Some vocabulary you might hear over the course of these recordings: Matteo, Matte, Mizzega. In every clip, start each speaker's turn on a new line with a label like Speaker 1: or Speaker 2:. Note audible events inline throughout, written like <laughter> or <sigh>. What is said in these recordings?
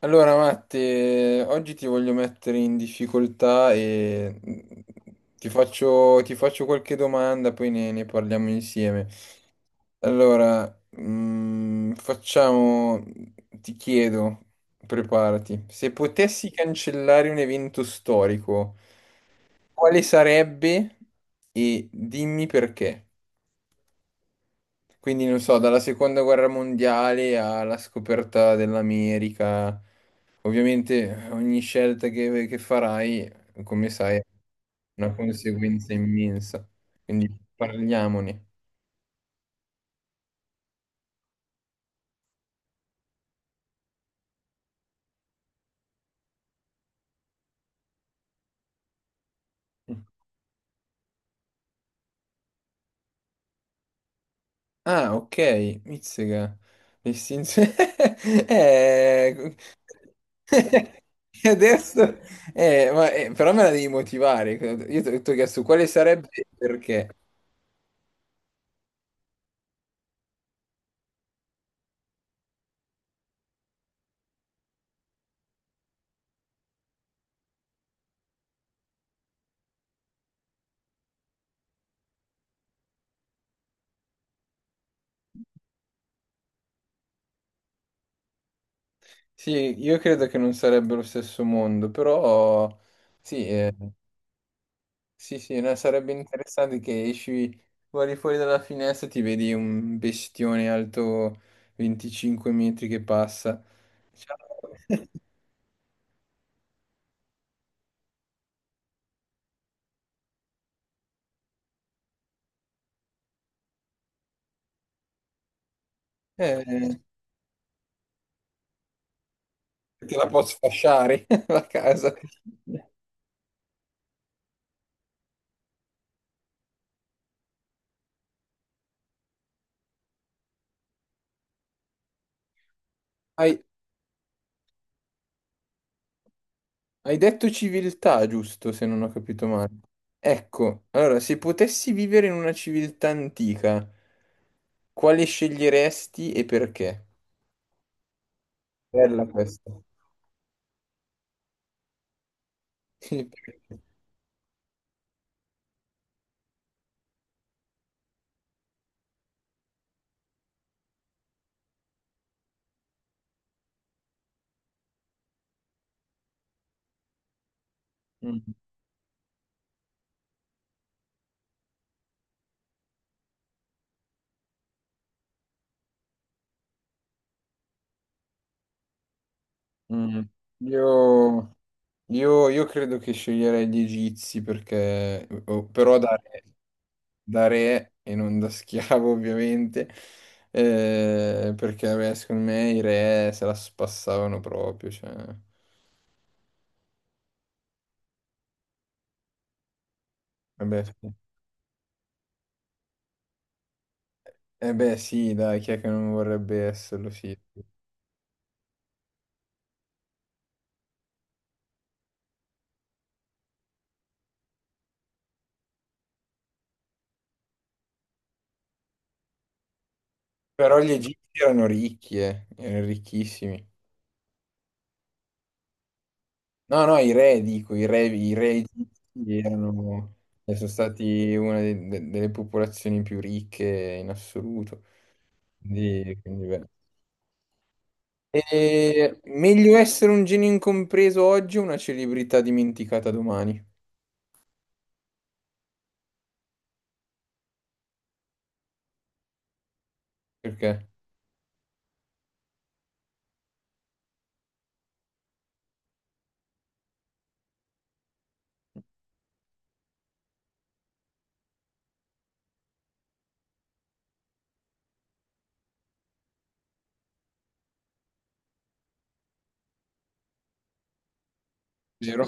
Speaker 1: Allora, Matte, oggi ti voglio mettere in difficoltà e ti faccio qualche domanda, poi ne parliamo insieme. Allora, facciamo, ti chiedo, preparati, se potessi cancellare un evento storico, quale sarebbe e dimmi perché? Quindi non so, dalla seconda guerra mondiale alla scoperta dell'America, ovviamente ogni scelta che farai, come sai, ha una conseguenza immensa. Quindi parliamone. Ah, ok, Mizzega. L'estinzione... <laughs> eh... <laughs> Adesso... però me la devi motivare. Io ti ho chiesto quale sarebbe e perché. Sì, io credo che non sarebbe lo stesso mondo, però sì, sì, sì, no, sarebbe interessante che esci, guardi fuori dalla finestra e ti vedi un bestione alto 25 metri che passa. Ciao. <laughs> Eh, te la posso fasciare <laughs> la casa. Hai, hai detto civiltà, giusto, se non ho capito male. Ecco, allora, se potessi vivere in una civiltà antica, quale sceglieresti e perché? Bella questa. Sì, perché- Mm, mm. Io, io credo che sceglierei gli egizi però da re e non da schiavo <laughs> ovviamente, perché vabbè, secondo me i re se la spassavano proprio. Cioè, vabbè, sì. Eh beh sì, dai, chi è che non vorrebbe esserlo, sì. Sì. Però gli egizi erano ricchi, erano ricchissimi. No, no, i re, dico, i re egizi erano, e sono stati una delle popolazioni più ricche in assoluto. Quindi beh. E meglio essere un genio incompreso oggi o una celebrità dimenticata domani? Perché? Vero?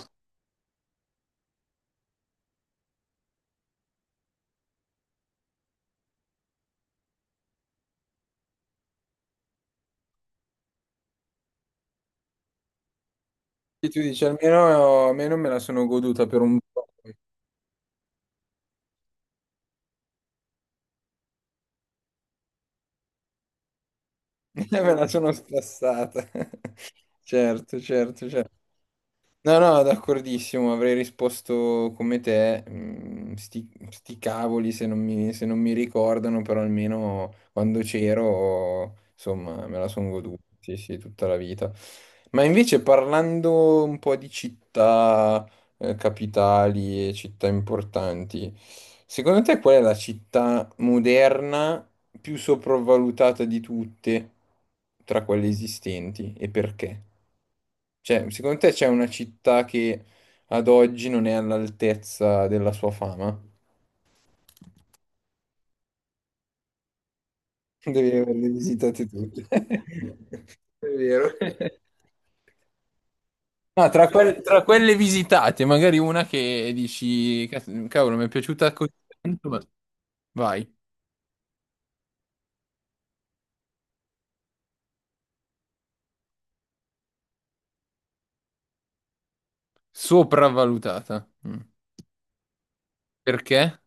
Speaker 1: E tu dici, almeno, almeno me la sono goduta per un po', <laughs> me la sono spassata. <laughs> Certo, certo, certo. No, no, d'accordissimo, avrei risposto come te, sti cavoli se non mi, se non mi ricordano, però almeno quando c'ero, insomma, me la sono goduta, sì, sì, tutta la vita. Ma invece parlando un po' di città, capitali e città importanti, secondo te qual è la città moderna più sopravvalutata di tutte tra quelle esistenti e perché? Cioè, secondo te c'è una città che ad oggi non è all'altezza della sua fama? <laughs> Devi averle visitate tutte. <laughs> È vero. No, <laughs> tra quelle visitate, magari una che dici, "Cazzo, cavolo, mi è piaciuta così tanto, ma vai, sopravvalutata. Mm. Perché?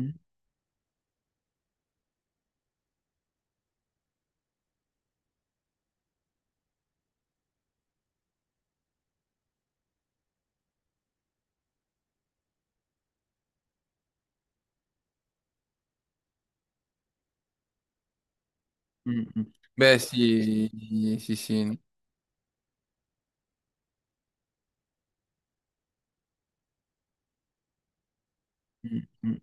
Speaker 1: Mm, mm, mm. Beh, sì, sì, sì. Mm, mm.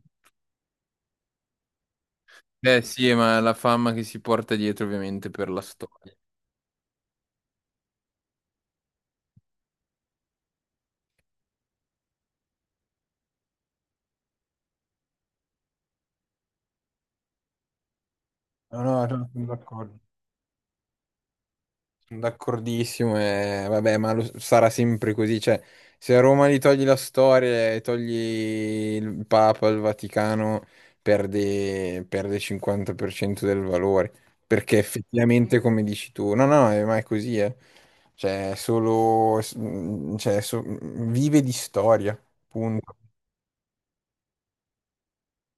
Speaker 1: Beh, sì, ma la fama che si porta dietro, ovviamente, per la storia. No, no, no, sono d'accordo. D'accordissimo, e vabbè, ma sarà sempre così. Cioè, se a Roma gli togli la storia e togli il Papa, il Vaticano, perde, perde il 50% del valore. Perché effettivamente, come dici tu, no, no, ma è così, eh. Cioè, è solo, s- mm, cioè, vive di storia, punto.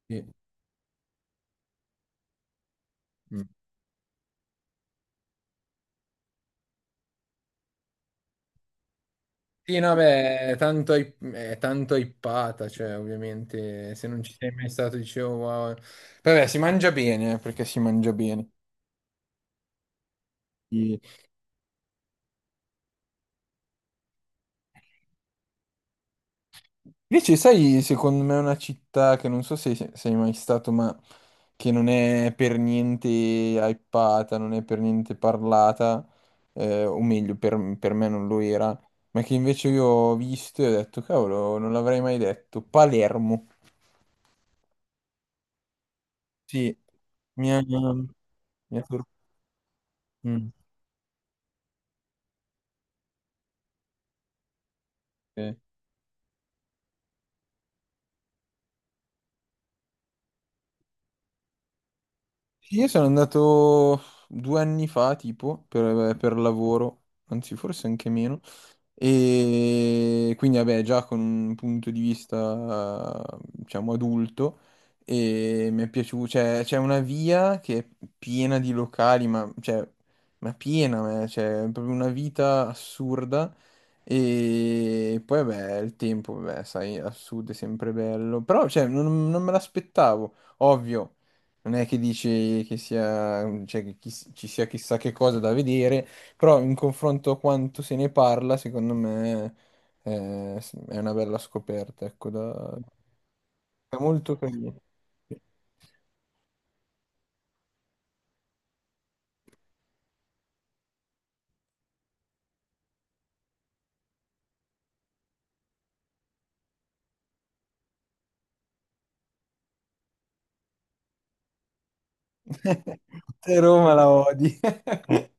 Speaker 1: Sì. Mm. Sì, no, beh, è tanto hypata, cioè, ovviamente, se non ci sei mai stato, dicevo, wow. Vabbè, si mangia bene, perché si mangia bene. E- Invece, sai, secondo me è una città che non so se sei mai stato, ma che non è per niente hypata, non è per niente parlata, o meglio, per me non lo era, ma che invece io ho visto e ho detto, cavolo, non l'avrei mai detto. Palermo. Sì, mi ha sorpreso. Ok. Io sono andato due anni fa, tipo, per lavoro, anzi forse anche meno, e quindi vabbè, già con un punto di vista, diciamo, adulto, e mi è piaciuto, cioè, c'è una via che è piena di locali, ma, cioè, ma piena, ma, cioè, è proprio una vita assurda, e poi vabbè, il tempo, vabbè, sai, a sud è sempre bello, però, cioè, non me l'aspettavo, ovvio. Non è che dici che sia, cioè, ci sia chissà che cosa da vedere, però in confronto a quanto se ne parla, secondo me eh, è una bella scoperta, ecco, da... è molto carino. <laughs> Te Roma la odi. <laughs>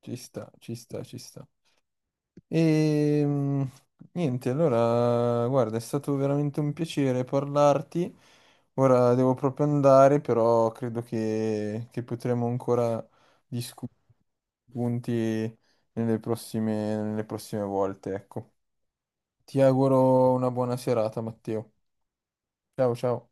Speaker 1: Ci sta, ci sta, ci sta. E niente, allora, guarda, è stato veramente un piacere parlarti. Ora devo proprio andare, però credo che potremo ancora discutere punti nelle prossime volte, ecco. Ti auguro una buona serata, Matteo. Ciao, ciao.